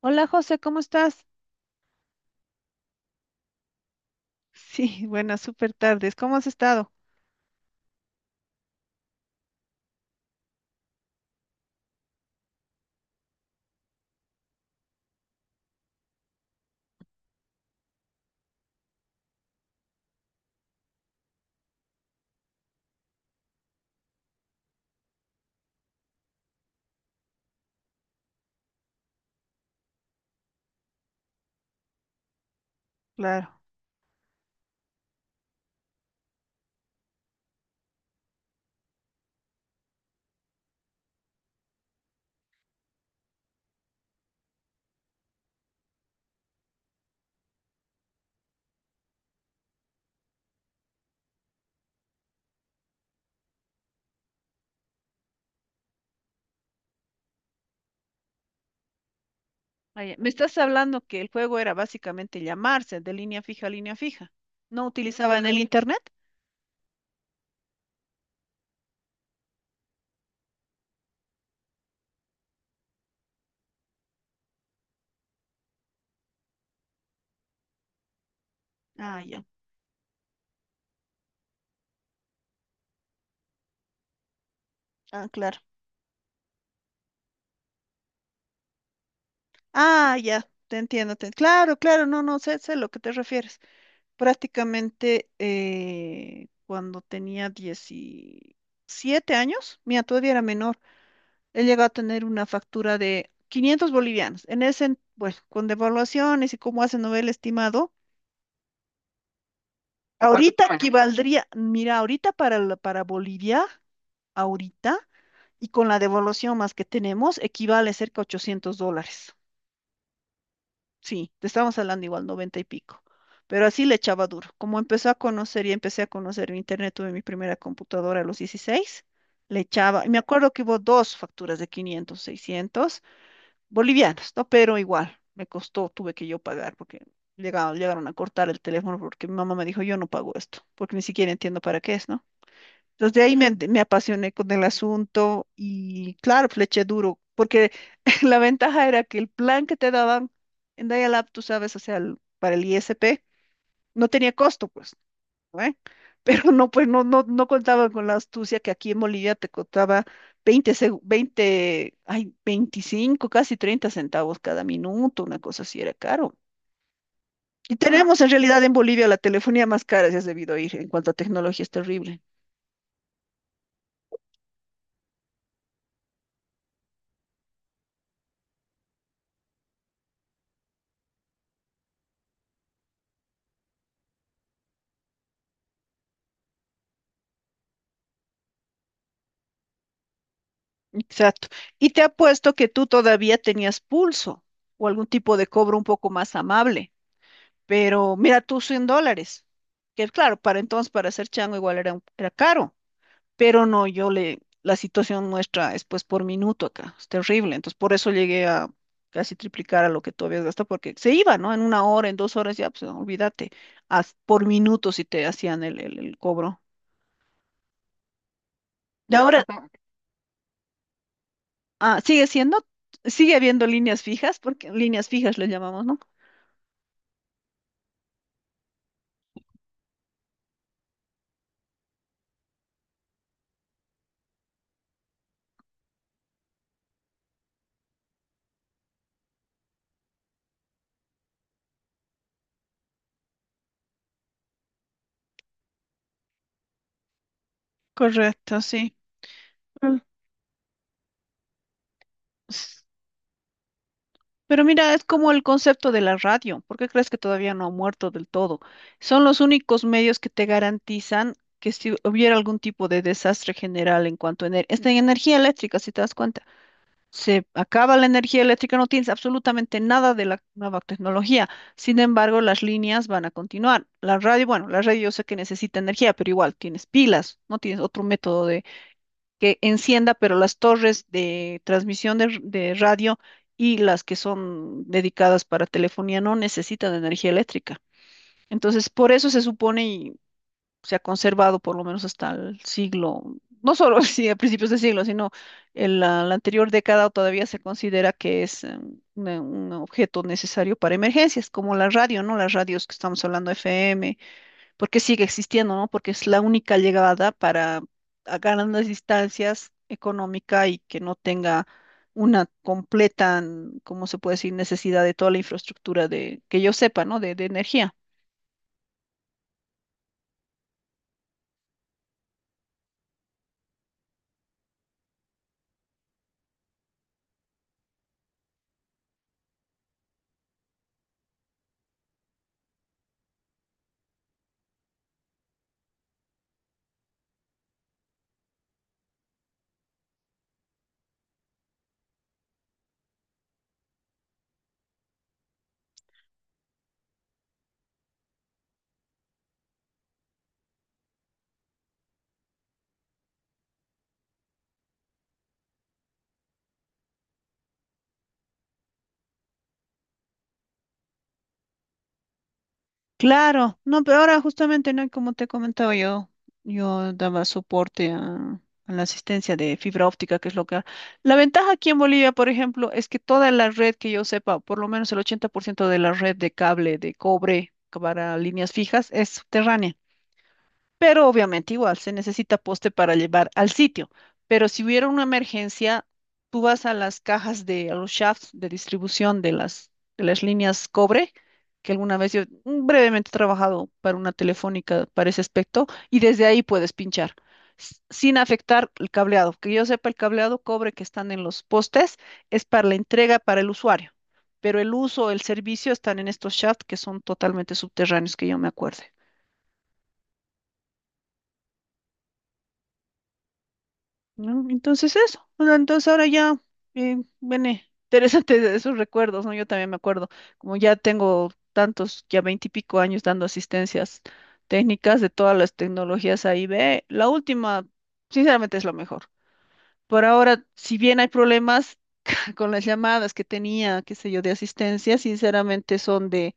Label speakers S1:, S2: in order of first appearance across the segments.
S1: Hola José, ¿cómo estás? Sí, buenas, súper tardes. ¿Cómo has estado? Claro. Vaya, me estás hablando que el juego era básicamente llamarse de línea fija a línea fija. ¿No utilizaban el internet? Ah, ya. Ah, claro. Ah, ya. Te entiendo. Claro, claro. No, no, sé, sé a lo que te refieres. Prácticamente cuando tenía 17 años, mira, todavía era menor. He llegado a tener una factura de 500 bolivianos. Bueno, con devaluaciones y cómo hacen novel estimado, ¿cuánto ahorita fue? Equivaldría, mira, ahorita para, para Bolivia, ahorita, y con la devaluación más que tenemos, equivale cerca a 800 dólares. Sí, te estamos hablando igual, 90 y pico. Pero así le echaba duro. Como empezó a conocer y empecé a conocer el internet, tuve mi primera computadora a los 16, le echaba. Y me acuerdo que hubo dos facturas de 500, 600 bolivianos, ¿no? Pero igual, me costó, tuve que yo pagar porque llegaron, llegaron a cortar el teléfono porque mi mamá me dijo, yo no pago esto, porque ni siquiera entiendo para qué es, ¿no? Entonces de ahí, claro, me apasioné con el asunto y claro, pues, le eché duro, porque la ventaja era que el plan que te daban en Dial-Up, tú sabes, o sea, para el ISP, no tenía costo, pues. ¿Eh? Pero no, pues no, no contaba con la astucia que aquí en Bolivia te costaba 20 seg- 20 ay, 25 casi 30 centavos cada minuto, una cosa así era caro. Y tenemos en realidad en Bolivia la telefonía más cara, si has debido ir, en cuanto a tecnología es terrible. Exacto. Y te apuesto que tú todavía tenías pulso o algún tipo de cobro un poco más amable. Pero mira tú 100 dólares, que claro, para entonces, para ser chango igual era, era caro, pero no, yo le, la situación nuestra es pues por minuto acá, es terrible, entonces por eso llegué a casi triplicar a lo que tú habías gastado, porque se iba, ¿no? En una hora, en 2 horas, ya, pues olvídate, por minuto si te hacían el cobro. Y no, ahora, pues no. Sigue siendo, sigue habiendo líneas fijas, porque líneas fijas le llamamos, ¿no? Correcto, sí. Mm. Pero mira, es como el concepto de la radio. ¿Por qué crees que todavía no ha muerto del todo? Son los únicos medios que te garantizan que si hubiera algún tipo de desastre general en cuanto a esta energía eléctrica, si te das cuenta, se acaba la energía eléctrica, no tienes absolutamente nada de la nueva tecnología. Sin embargo, las líneas van a continuar. La radio, bueno, la radio yo sé que necesita energía, pero igual tienes pilas, no tienes otro método que encienda, pero las torres de transmisión de radio y las que son dedicadas para telefonía no necesitan energía eléctrica. Entonces, por eso se supone y se ha conservado por lo menos hasta el siglo, no solo sí, a principios de siglo, sino en la anterior década todavía se considera que es un objeto necesario para emergencias, como la radio, ¿no? Las radios que estamos hablando, FM, porque sigue existiendo, ¿no? Porque es la única llegada para a grandes distancias económica y que no tenga una completa, ¿cómo se puede decir? Necesidad de toda la infraestructura de, que yo sepa, ¿no? De energía. Claro, no, pero ahora justamente, ¿no? Como te comentaba yo, yo daba soporte a la asistencia de fibra óptica, que es lo que... La ventaja aquí en Bolivia, por ejemplo, es que toda la red que yo sepa, por lo menos el 80% de la red de cable de cobre para líneas fijas es subterránea. Pero obviamente igual se necesita poste para llevar al sitio. Pero si hubiera una emergencia, tú vas a las cajas de a los shafts de distribución de las líneas cobre, que alguna vez yo brevemente he trabajado para una telefónica para ese aspecto, y desde ahí puedes pinchar sin afectar el cableado. Que yo sepa, el cableado cobre que están en los postes es para la entrega para el usuario, pero el uso, el servicio están en estos shafts que son totalmente subterráneos, que yo me acuerde. ¿No? Entonces eso, o sea, entonces ahora ya, viene interesante de esos recuerdos, ¿no? Yo también me acuerdo, como ya tengo tantos, ya veintipico años dando asistencias técnicas de todas las tecnologías A y B, la última, sinceramente, es lo mejor. Por ahora, si bien hay problemas con las llamadas que tenía, qué sé yo, de asistencia, sinceramente son de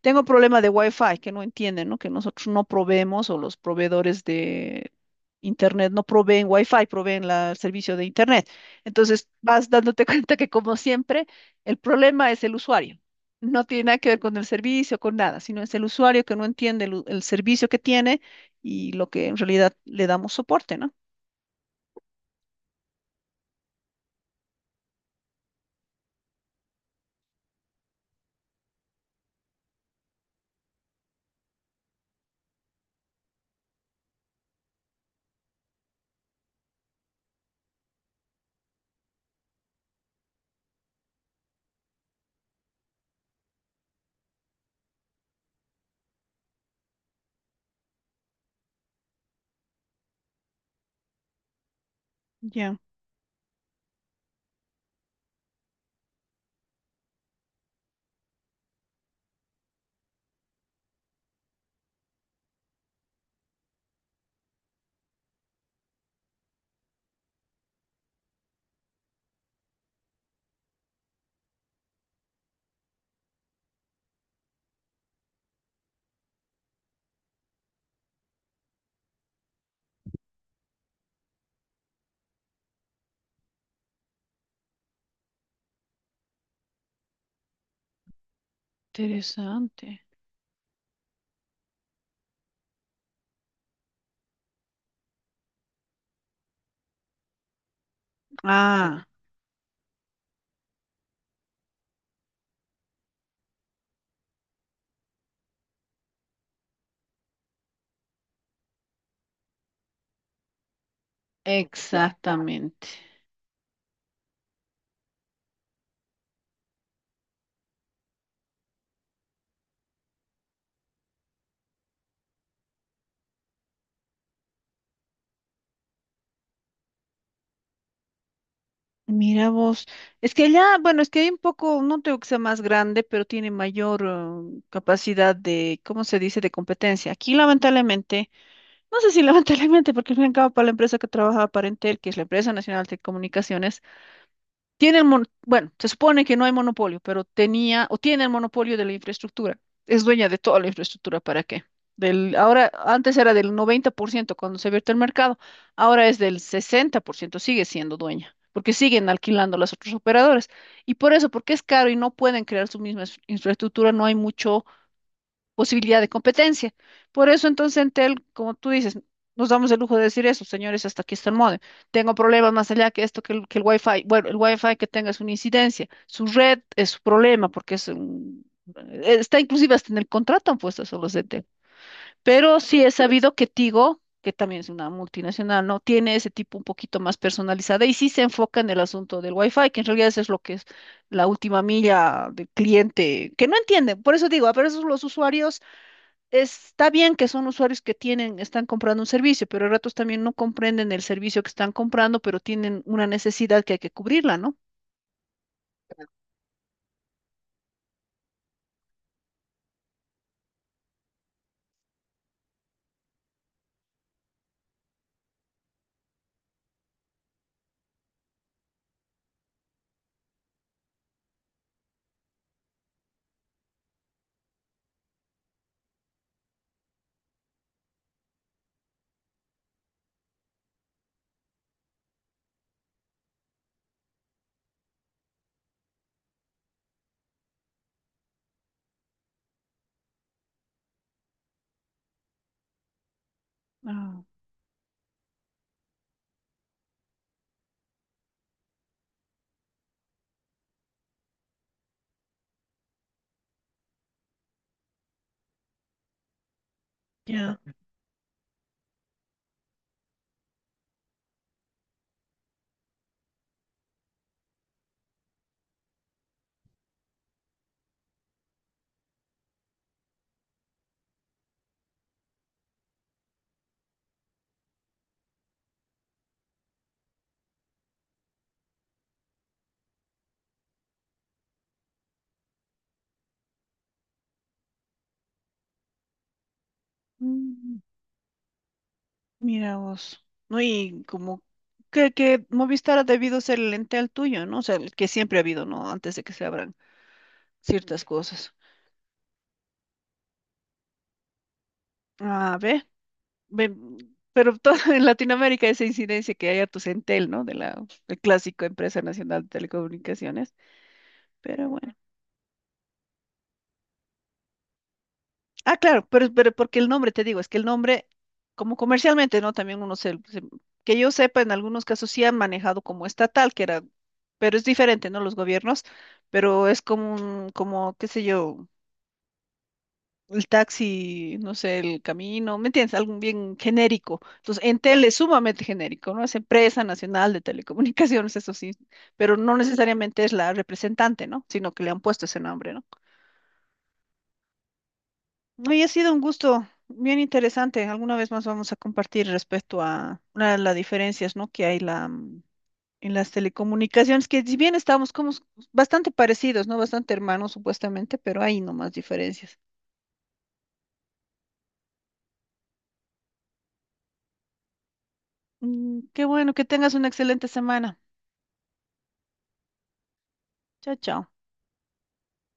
S1: tengo problema de Wi-Fi que no entienden, ¿no? Que nosotros no proveemos o los proveedores de Internet no proveen Wi-Fi, proveen el servicio de Internet. Entonces vas dándote cuenta que como siempre, el problema es el usuario. No tiene nada que ver con el servicio, con nada, sino es el usuario que no entiende el servicio que tiene y lo que en realidad le damos soporte, ¿no? Ya, interesante. Ah, exactamente. Mira vos, es que allá, bueno, es que hay un poco, no tengo que sea más grande, pero tiene mayor capacidad de, ¿cómo se dice?, de competencia. Aquí, lamentablemente, no sé si lamentablemente, porque al fin y al cabo para la empresa que trabajaba para Entel, que es la empresa nacional de comunicaciones, tiene el bueno, se supone que no hay monopolio, pero tenía o tiene el monopolio de la infraestructura. Es dueña de toda la infraestructura, ¿para qué? Ahora, antes era del 90% cuando se abierto el mercado, ahora es del 60% sigue siendo dueña, porque siguen alquilando las otras operadoras. Y por eso, porque es caro y no pueden crear su misma infraestructura, no hay mucho posibilidad de competencia. Por eso entonces Entel, como tú dices, nos damos el lujo de decir eso, señores, hasta aquí está el módem. Tengo problemas más allá que esto, que el Wi-Fi. Bueno, el Wi-Fi que tenga es una incidencia. Su red es su problema porque es un... Está inclusive hasta en el contrato han puesto eso los de Entel. Pero sí he sabido que Tigo, que también es una multinacional, ¿no? Tiene ese tipo un poquito más personalizada y sí se enfoca en el asunto del Wi-Fi, que en realidad eso es lo que es la última milla del cliente, que no entiende. Por eso digo, a veces los usuarios está bien que son usuarios que tienen, están comprando un servicio, pero a ratos también no comprenden el servicio que están comprando, pero tienen una necesidad que hay que cubrirla, ¿no? Ah, ya. Mm, mira vos. No, y como que Movistar ha debido ser el ente al tuyo, ¿no? O sea, el que siempre ha habido, ¿no? Antes de que se abran ciertas cosas. Ah, ve, ve. Pero todo en Latinoamérica esa incidencia que hay hartos Entel, ¿no? De la el clásico empresa nacional de telecomunicaciones. Pero bueno. Ah, claro, pero porque el nombre, te digo, es que el nombre, como comercialmente, ¿no? También uno que yo sepa, en algunos casos sí han manejado como estatal, que era, pero es diferente, ¿no? Los gobiernos, pero es como un, como, qué sé yo, el taxi, no sé, el camino, ¿me entiendes? Algo bien genérico. Entonces, Entel es sumamente genérico, ¿no? Es empresa nacional de telecomunicaciones, eso sí, pero no necesariamente es la representante, ¿no? Sino que le han puesto ese nombre, ¿no? Hoy ha sido un gusto bien interesante. Alguna vez más vamos a compartir respecto a una de las diferencias, ¿no? Que hay la, en las telecomunicaciones, que si bien estamos como bastante parecidos, ¿no? Bastante hermanos supuestamente, pero hay nomás diferencias. Mm, qué bueno, que tengas una excelente semana. Chao, chao.